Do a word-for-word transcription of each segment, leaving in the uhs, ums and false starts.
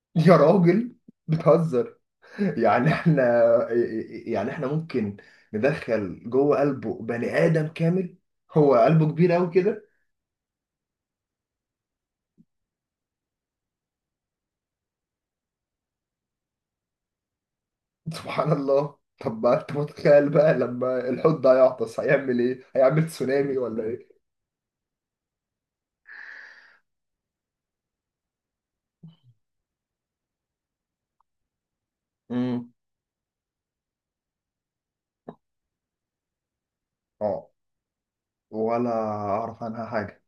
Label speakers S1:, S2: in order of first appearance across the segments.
S1: يا راجل. بتهزر. يعني احنا يعني احنا ممكن ندخل جوه قلبه بني آدم كامل. هو قلبه كبير قوي كده. سبحان الله، طب ما انت متخيل بقى لما الحوت ده هيعطس هيعمل ايه؟ هيعمل تسونامي ولا ايه؟ امم اه، ولا اعرف عنها حاجة.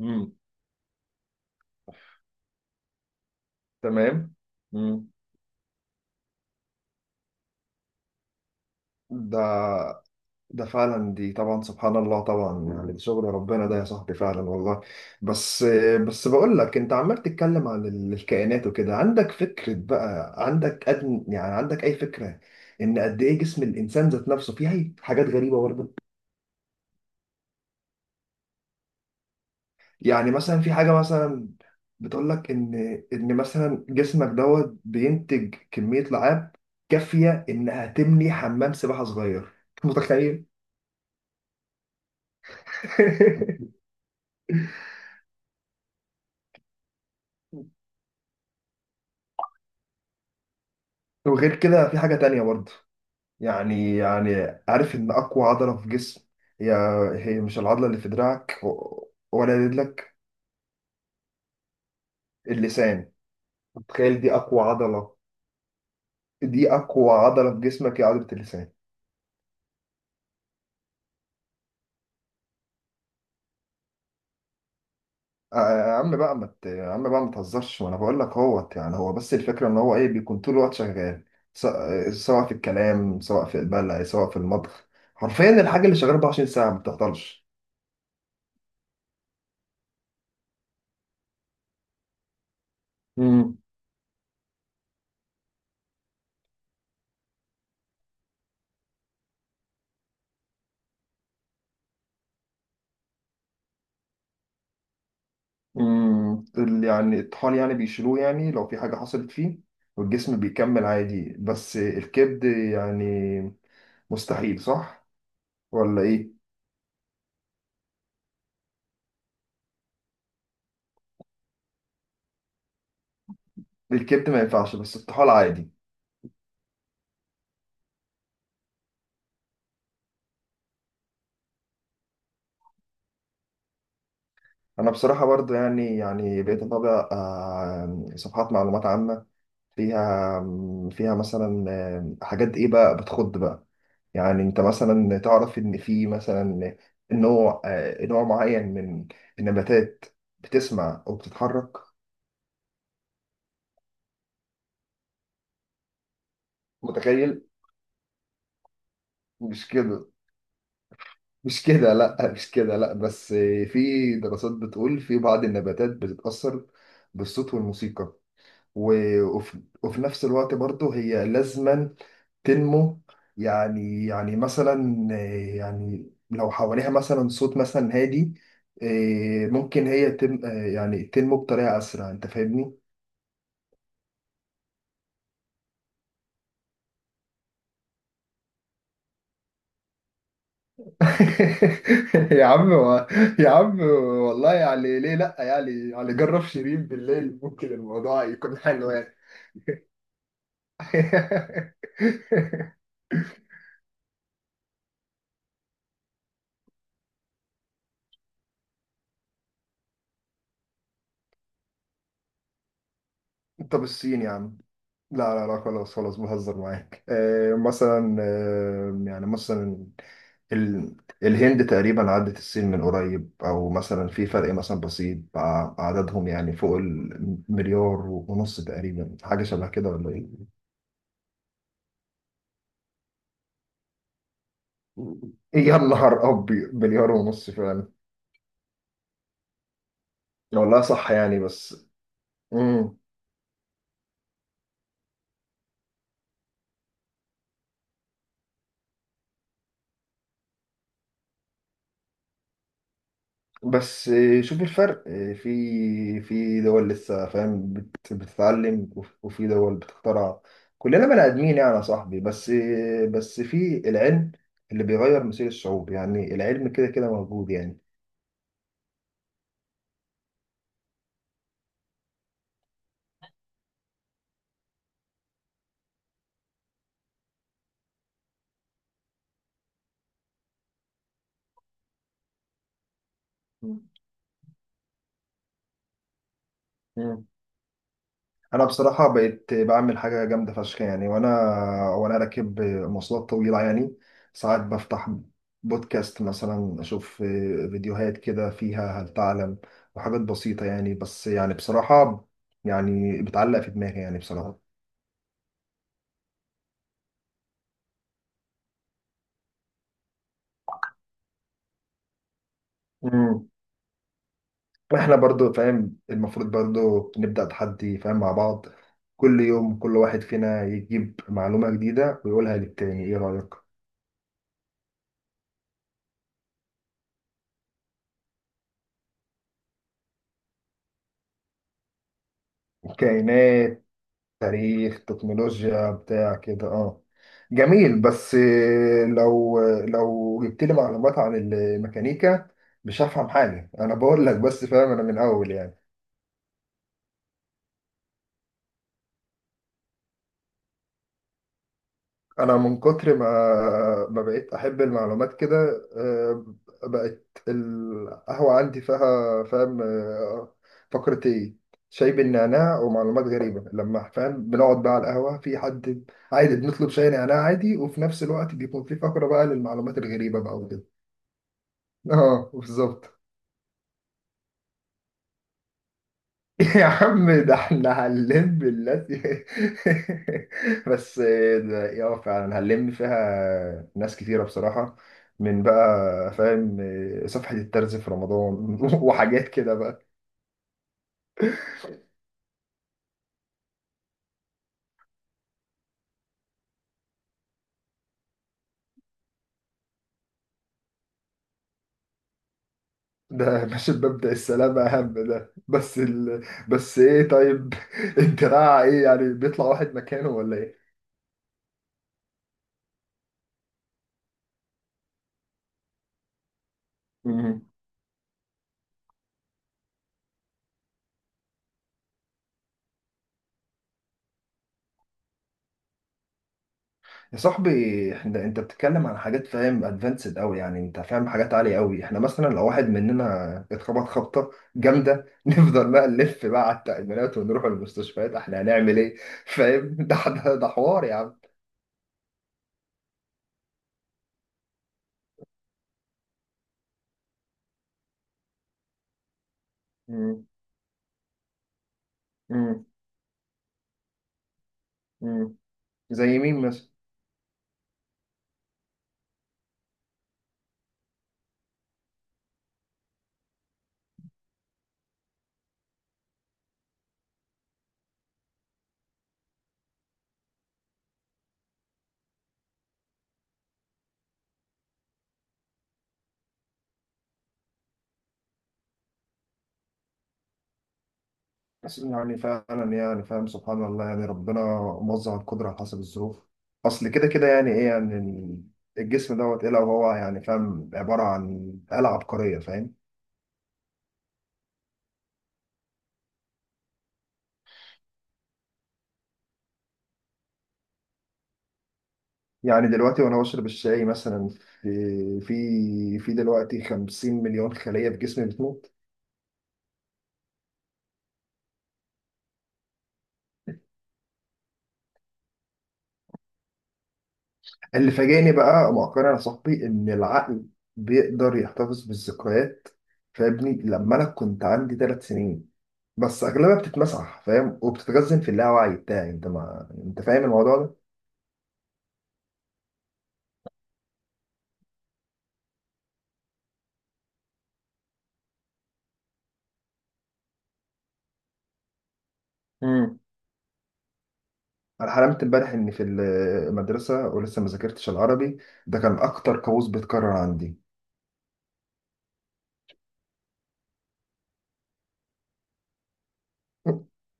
S1: امم تمام. امم ده ده فعلا، دي طبعا سبحان الله طبعا، يعني ده شغل ربنا ده يا صاحبي، فعلا والله. بس بس بقول لك، انت عمال تتكلم عن ال- الكائنات وكده، عندك فكرة بقى؟ عندك أدن، يعني عندك اي فكرة ان قد ايه جسم الانسان ذات نفسه فيه حاجات غريبة برضه؟ يعني مثلا في حاجة مثلا بتقول لك ان ان مثلا جسمك دوت بينتج كمية لعاب كافية انها تبني حمام سباحة صغير. متخيل؟ وغير كده في حاجة تانية برضه. يعني يعني عارف ان اقوى عضله في جسم، هي هي مش العضله اللي في دراعك و- ولا رجلك. اللسان، تخيل، دي اقوى عضله. دي اقوى عضله في جسمك هي عضله اللسان. آه، يا عم بقى ما ت- يا عم بقى ما تهزرش، وانا بقول لك اهوت. يعني هو بس الفكره ان هو ايه، بيكون طول الوقت شغال. س- سواء في الكلام سواء في البلع سواء في المطبخ، حرفيا الحاجه اللي شغاله 24 ساعه ما بتعطلش. امم ال- يعني الطحال يعني بيشيلوه يعني لو في حاجة حصلت فيه، والجسم بيكمل عادي. بس الكبد يعني مستحيل، صح ولا ايه؟ الكبد ما ينفعش، بس الطحال عادي. انا بصراحة برضه، يعني يعني بقيت اتابع آه، صفحات معلومات عامة، فيها فيها مثلا آه، حاجات ايه بقى بتخض بقى. يعني انت مثلا تعرف ان في مثلا نوع آه، نوع معين من النباتات بتسمع وبتتحرك. متخيل؟ مش كده مش كده، لا، مش كده، لا. بس في دراسات بتقول في بعض النباتات بتتأثر بالصوت والموسيقى، و... وفي... وفي نفس الوقت برضه هي لازما تنمو. يعني يعني مثلا آه، يعني لو حواليها مثلا صوت مثلا هادي، آه، ممكن هي تم آه، يعني تنمو بطريقة أسرع. أنت فاهمني؟ يا عم و... يا عم والله، يعني ليه لا، يعني يعني جرب شيرين بالليل، ممكن الموضوع يكون حلو يعني. طب الصين يا عم. لا لا لا، خلاص خلاص، بهزر معاك. آه مثلا، آه يعني مثلا ال... الهند تقريبا عدت الصين من قريب، او مثلا في فرق مثلا بسيط، ع- عددهم يعني فوق المليار ونص تقريبا، حاجة شبه كده ولا إيه؟ يا نهار ابيض، مليار ونص فعلا. والله صح، يعني بس. مم. بس شوف الفرق، في في دول لسه فاهم بت- بتتعلم، وف- وفي دول بتخترع. كلنا بني ادمين يعني يا صاحبي، بس بس في العلم اللي بيغير مصير الشعوب، يعني العلم كده كده موجود يعني. مم. انا بصراحه بقيت بعمل حاجه جامده فشخ يعني، وانا وانا راكب مواصلات طويله يعني، ساعات بفتح بودكاست مثلا، اشوف فيديوهات كده فيها هل تعلم وحاجات بسيطه يعني. بس يعني بصراحه، يعني بتعلق في دماغي يعني بصراحه. امم احنا برضو فاهم، المفروض برضو نبدا تحدي فاهم مع بعض، كل يوم كل واحد فينا يجيب معلومه جديده ويقولها للتاني، ايه رايك؟ كائنات، تاريخ، تكنولوجيا بتاع كده، اه جميل. بس آه، لو لو جبت لي معلومات عن الميكانيكا، مش هفهم حاجة، انا بقول لك، بس فاهم انا من اول يعني. انا من كتر ما ما بقيت احب المعلومات كده، آه، بقت القهوه عندي فيها فاهم، آه، فقره ايه، شاي بالنعناع ومعلومات غريبه، لما فاهم بنقعد بقى على القهوه في حد، عادي بنطلب شاي نعناع عادي، وفي نفس الوقت بيكون في فقره بقى للمعلومات الغريبه بقى وكده. اه بالظبط. يا عم، ده احنا هنلم الناس. بس ده يا فعلا هنلم فيها ناس كتيرة بصراحة، من بقى فاهم صفحة الترز في رمضان، وحاجات كده بقى. ده مش مبدأ السلامة أهم ده؟ بس ال... بس إيه، طيب، الدراع إيه؟ يعني بيطلع واحد مكانه ولا إيه؟ يا صاحبي، احنا، انت بتتكلم عن حاجات فاهم ادفانسد قوي يعني، انت فاهم حاجات عاليه قوي. احنا مثلا لو واحد مننا اتخبط خبطه جامده، نفضل بقى نلف بقى على التأمينات ونروح المستشفيات، احنا هنعمل ايه؟ فاهم، ده ده, ده حوار يا عم. مم. مم. مم. زي مين مثلا؟ بس يعني فعلا، يعني فاهم سبحان الله، يعني ربنا موزع القدره على حسب الظروف، اصل كده كده يعني ايه يعني، الجسم دوت ايه لو هو يعني فاهم، عباره عن آلة عبقريه فاهم. يعني دلوقتي وانا بشرب الشاي مثلا، في في في دلوقتي 50 مليون خلية في جسمي بتموت. اللي فاجئني بقى مؤخرا يا صاحبي ان العقل بيقدر يحتفظ بالذكريات، فابني لما انا كنت عندي ثلاث سنين، بس اغلبها بتتمسح فاهم وبتتخزن في اللاوعي بتاعي، انت ما انت فاهم الموضوع ده. امم انا حلمت امبارح اني في المدرسة ولسه ما ذاكرتش العربي، ده كان اكتر كابوس بيتكرر عندي.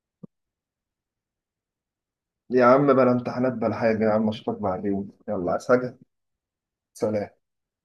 S1: يا عم، بلا امتحانات بلا حاجة يا عم، اشوفك بعدين، يلا، عايز حاجة؟ سلام.